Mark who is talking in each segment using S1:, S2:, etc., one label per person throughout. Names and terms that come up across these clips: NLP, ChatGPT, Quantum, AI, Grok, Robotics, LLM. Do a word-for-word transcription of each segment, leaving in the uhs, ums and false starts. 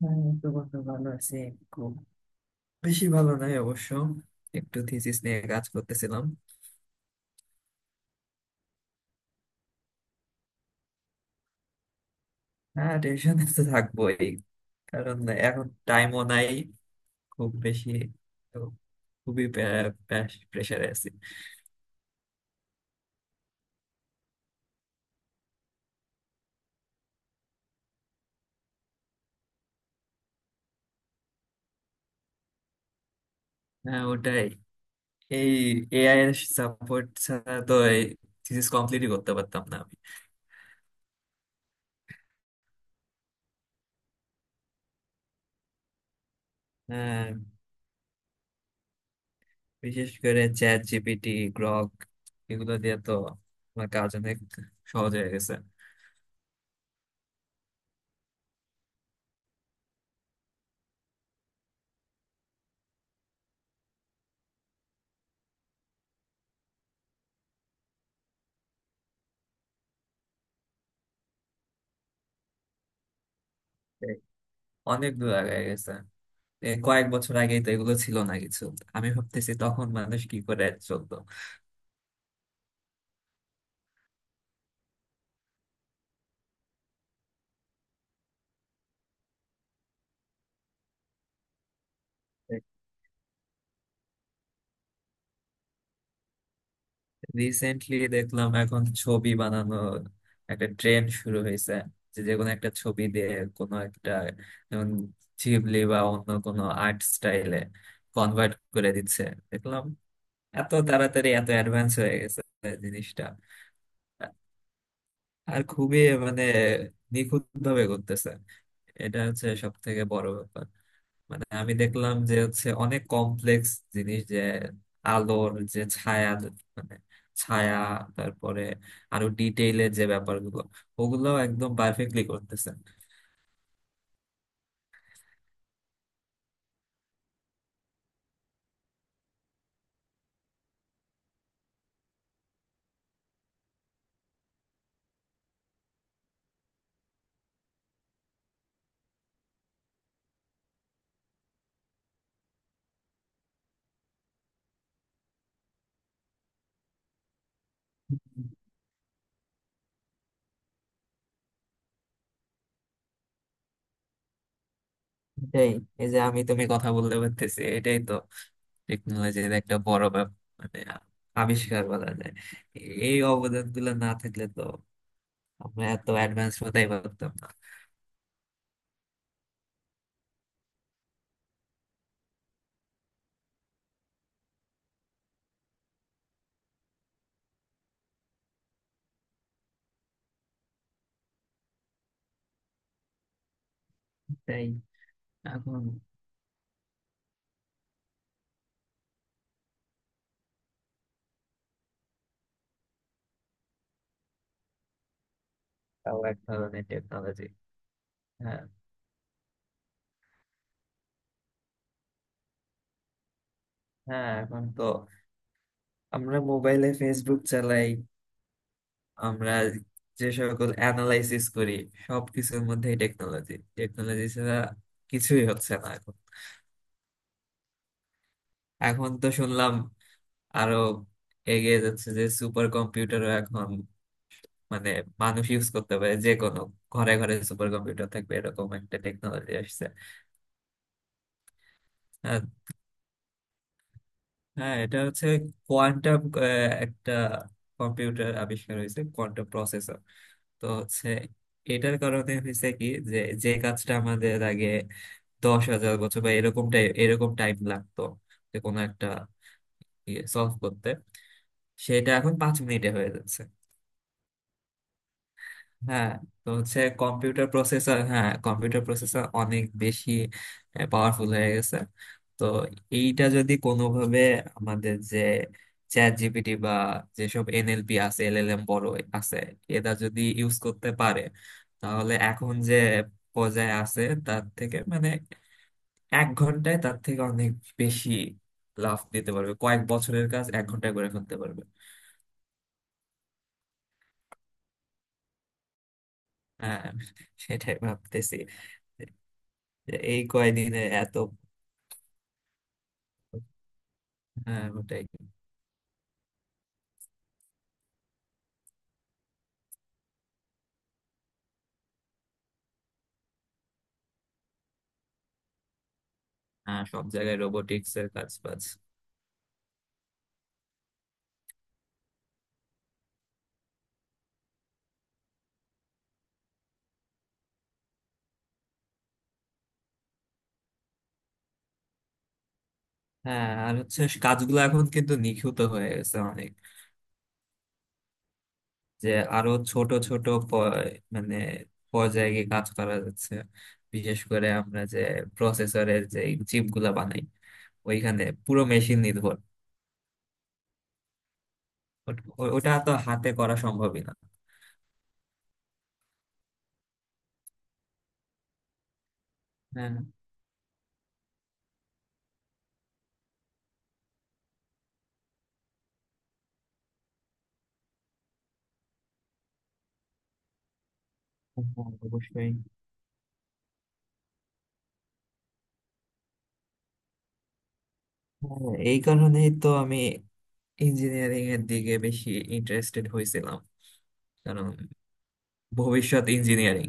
S1: হ্যাঁ, এই তো বন্ধু ভালো আছি। খুব বেশি ভালো নাই অবশ্য। একটু থিসিস নিয়ে কাজ করতেছিলাম। হ্যাঁ, টেনশনে তো থাকবোই। কারণ এখন টাইমও নাই খুব বেশি, তো খুবই প্রেশারে আছি। হ্যাঁ, ওটাই। এই এআই এর সাপোর্ট ছাড়া তো এই থিসিস কমপ্লিটই করতে পারতাম না আমি। হ্যাঁ, বিশেষ করে চ্যাট জিপিটি, গ্রক, এগুলো দিয়ে তো আমার কাজ অনেক সহজ হয়ে গেছে। এই অনেক দূর আগায় গেছে। এ কয়েক বছর আগেই তো এগুলো ছিল না কিছু। আমি ভাবতেছি তখন মানুষ কি করে চলতো। রিসেন্টলি দেখলাম এখন ছবি বানানোর একটা ট্রেন্ড শুরু হয়েছে, যে যে কোনো একটা ছবি দিয়ে কোনো একটা, যেমন শিবলি বা অন্য কোনো আর্ট স্টাইলে কনভার্ট করে দিচ্ছে, দেখলাম। এত তাড়াতাড়ি এত অ্যাডভান্স হয়ে গেছে জিনিসটা। আর খুবই মানে নিখুঁত ভাবে করতেছে, এটা হচ্ছে সব থেকে বড় ব্যাপার। মানে আমি দেখলাম যে হচ্ছে অনেক কমপ্লেক্স জিনিস, যে আলোর যে ছায়া, মানে ছায়া, তারপরে আরো ডিটেইলের যে ব্যাপারগুলো, ওগুলো একদম পারফেক্টলি করতেছে। এটাই, এই যে আমি তুমি কথা বলতে পারতেছি এটাই তো টেকনোলজির একটা বড় ব্যাপার, মানে আবিষ্কার বলা যায়। এই অবদান গুলো না থাকলে তো আমরা এত অ্যাডভান্স হতেই পারতাম না। তাই। এখন তাও এক ধরনের টেকনোলজি। হ্যাঁ, হ্যাঁ, এখন তো আমরা মোবাইলে ফেসবুক চালাই, আমরা যে সকল অ্যানালাইসিস করি, সবকিছুর মধ্যেই টেকনোলজি। টেকনোলজি ছাড়া কিছুই হচ্ছে না এখন। এখন তো শুনলাম আরো এগিয়ে যাচ্ছে, যে সুপার কম্পিউটারও এখন মানে মানুষ ইউজ করতে পারে, যে কোনো ঘরে ঘরে সুপার কম্পিউটার থাকবে এরকম একটা টেকনোলজি আসছে। আর হ্যাঁ, এটা হচ্ছে কোয়ান্টাম একটা কম্পিউটার আবিষ্কার হয়েছে, কোয়ান্টাম প্রসেসর। তো হচ্ছে এটার কারণে হয়েছে কি, যে যে কাজটা আমাদের আগে দশ হাজার বছর বা এরকম টাইম এরকম টাইম লাগতো যে কোনো একটা ইয়ে সলভ করতে, সেটা এখন পাঁচ মিনিটে হয়ে যাচ্ছে। হ্যাঁ, তো হচ্ছে কম্পিউটার প্রসেসর হ্যাঁ কম্পিউটার প্রসেসর অনেক বেশি পাওয়ারফুল হয়ে গেছে। তো এইটা যদি কোনোভাবে আমাদের যে চ্যাট জিপিটি বা যেসব এনএলপি আছে, এলএলএম বড় আছে, এরা যদি ইউজ করতে পারে, তাহলে এখন যে পর্যায়ে আছে তার থেকে মানে এক ঘন্টায় তার থেকে অনেক বেশি লাভ দিতে পারবে, কয়েক বছরের কাজ এক ঘন্টায় করে ফেলতে পারবে। হ্যাঁ, সেটাই ভাবতেছি, যে এই কয়দিনে এত। হ্যাঁ, ওটাই। হ্যাঁ, সব জায়গায় রোবোটিক্স এর কাজ বাজ। হ্যাঁ, আর হচ্ছে কাজগুলো এখন কিন্তু নিখুঁত হয়ে গেছে অনেক, যে আরো ছোট ছোট প- মানে পর্যায়ে গিয়ে কাজ করা যাচ্ছে। বিশেষ করে আমরা যে প্রসেসরের যে চিপ গুলা বানাই, ওইখানে পুরো মেশিন নির্ভর। ওট- ও- ওটা তো হাতে করা সম্ভবই না। হ্যাঁ, হ্যাঁ, অবশ্যই। হ্যাঁ, এই কারণেই তো আমি ইঞ্জিনিয়ারিং এর দিকে বেশি ইন্টারেস্টেড হয়েছিলাম। কারণ ভবিষ্যৎ ইঞ্জিনিয়ারিং।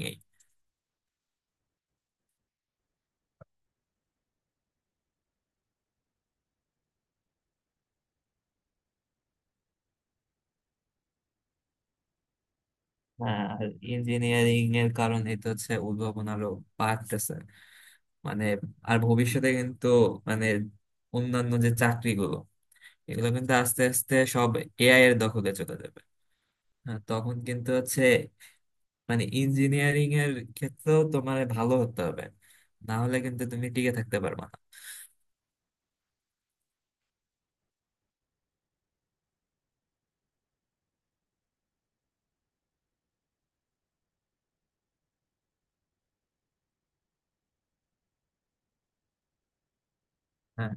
S1: হ্যাঁ, আর ইঞ্জিনিয়ারিং এর কারণে তো হচ্ছে উদ্ভাবন আরো বাড়তেছে, মানে। আর ভবিষ্যতে কিন্তু মানে অন্যান্য যে চাকরিগুলো, এগুলো কিন্তু আস্তে আস্তে সব এআই এর দখলে চলে যাবে। হ্যাঁ, তখন কিন্তু হচ্ছে মানে ইঞ্জিনিয়ারিং এর ক্ষেত্রেও তোমার ভালো হতে হবে, না হলে কিন্তু তুমি টিকে থাকতে পারবে না। হ্যাঁ,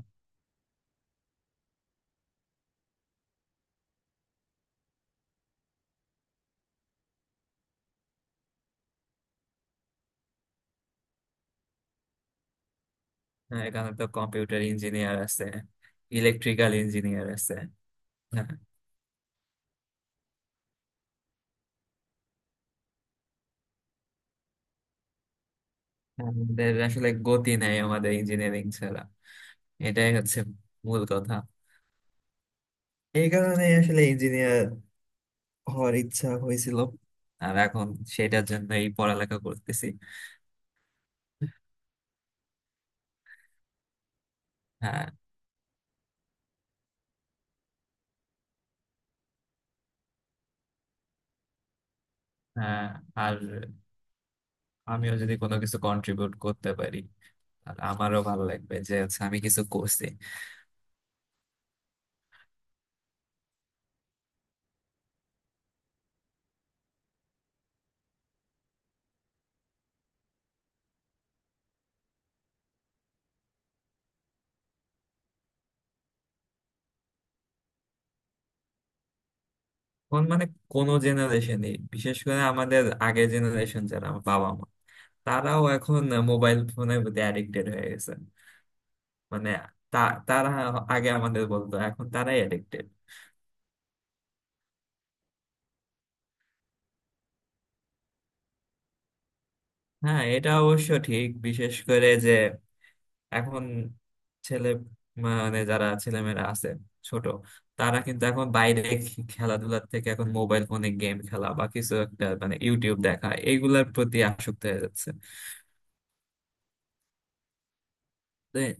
S1: হ্যাঁ, এখানে তো কম্পিউটার ইঞ্জিনিয়ার আছে, ইলেকট্রিক্যাল ইঞ্জিনিয়ার আছে। হ্যাঁ, আমাদের আসলে গতি নাই আমাদের ইঞ্জিনিয়ারিং ছাড়া। এটাই হচ্ছে মূল কথা। এই কারণে আসলে ইঞ্জিনিয়ার হওয়ার ইচ্ছা হয়েছিল, আর এখন সেটার জন্য এই পড়ালেখা করতেছি। হ্যাঁ, হ্যাঁ, আর আমিও যদি কোনো কিছু কন্ট্রিবিউট করতে পারি, আর আমারও ভালো লাগবে যে হচ্ছে আমি কিছু করছি। কোন মানে কোনো জেনারেশনে, বিশেষ করে আমাদের আগের জেনারেশন, যারা আমার বাবা মা, তারাও এখন মোবাইল ফোনের প্রতি অ্যাডিক্টেড হয়ে গেছে। মানে তা তারা আগে আমাদের বলতো, এখন তারাই অ্যাডিক্টেড। হ্যাঁ, এটা অবশ্য ঠিক। বিশেষ করে যে এখন ছেলে মানে যারা ছেলেমেয়েরা আছে ছোট, তারা কিন্তু এখন বাইরে খে- খেলাধুলার থেকে এখন মোবাইল ফোনে গেম খেলা বা কিছু একটা মানে ইউটিউব দেখা এইগুলার প্রতি আসক্ত হয়ে যাচ্ছে। তো এ-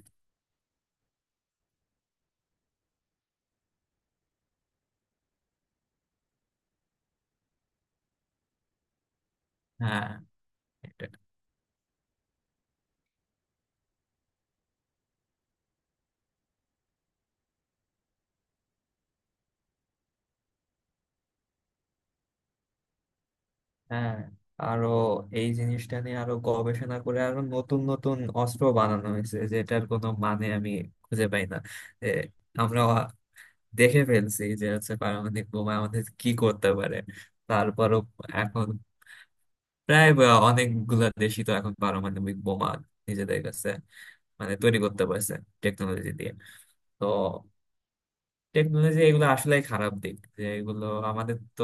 S1: হ্যাঁ। এটা- হ্যাঁ, আরো এই জিনিসটা নিয়ে আরো গবেষণা করে আরো নতুন নতুন অস্ত্র বানানো হয়েছে, যেটার কোনো মানে আমি খুঁজে পাই না। এ, আমরা দেখে ফেলছি যে হচ্ছে পারমাণবিক বোমা আমাদের কি করতে পারে। তারপরও এখন প্রায় বা অনেকগুলা দেশই তো এখন পারমাণবিক বোমা নিজেদের কাছে মানে তৈরি করতে পারছে টেকনোলজি দিয়ে। তো টেকনোলজি এগুলো আসলে খারাপ দিক, যে এগুলো আমাদের তো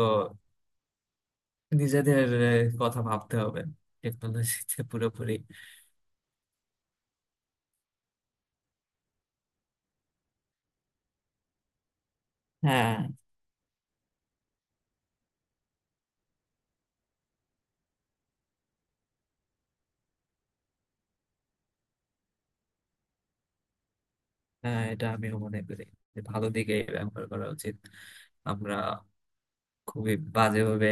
S1: নিজেদের আহ, কথা ভাবতে হবে টেকনোলজিতে পুরোপুরি। হ্যাঁ, হ্যাঁ, এটা আমিও মনে করি যে ভালো দিকে ব্যবহার করা উচিত। আমরা খুবই বাজেভাবে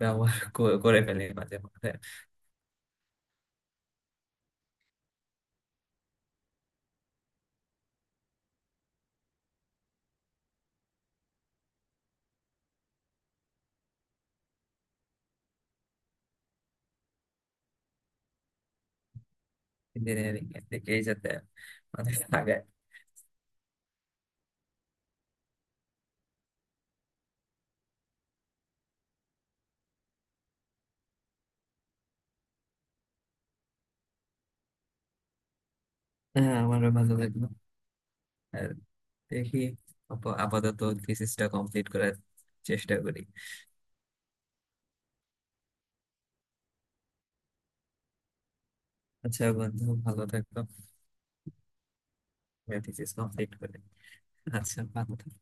S1: ব্যবহার ক- করে ফেলি মাঝে মধ্যে। ইঞ্জিনিয়ারিং এর দিকেই যাতে মানে আগে। হ্যাঁ, আমারও ভালো লাগলো। আর দেখি আপ- আপাতত থিসিসটা কমপ্লিট করার চেষ্টা করি। আচ্ছা বন্ধু, ভালো থাকো। থিসিস কমপ্লিট করে। আচ্ছা, ভালো থাকো।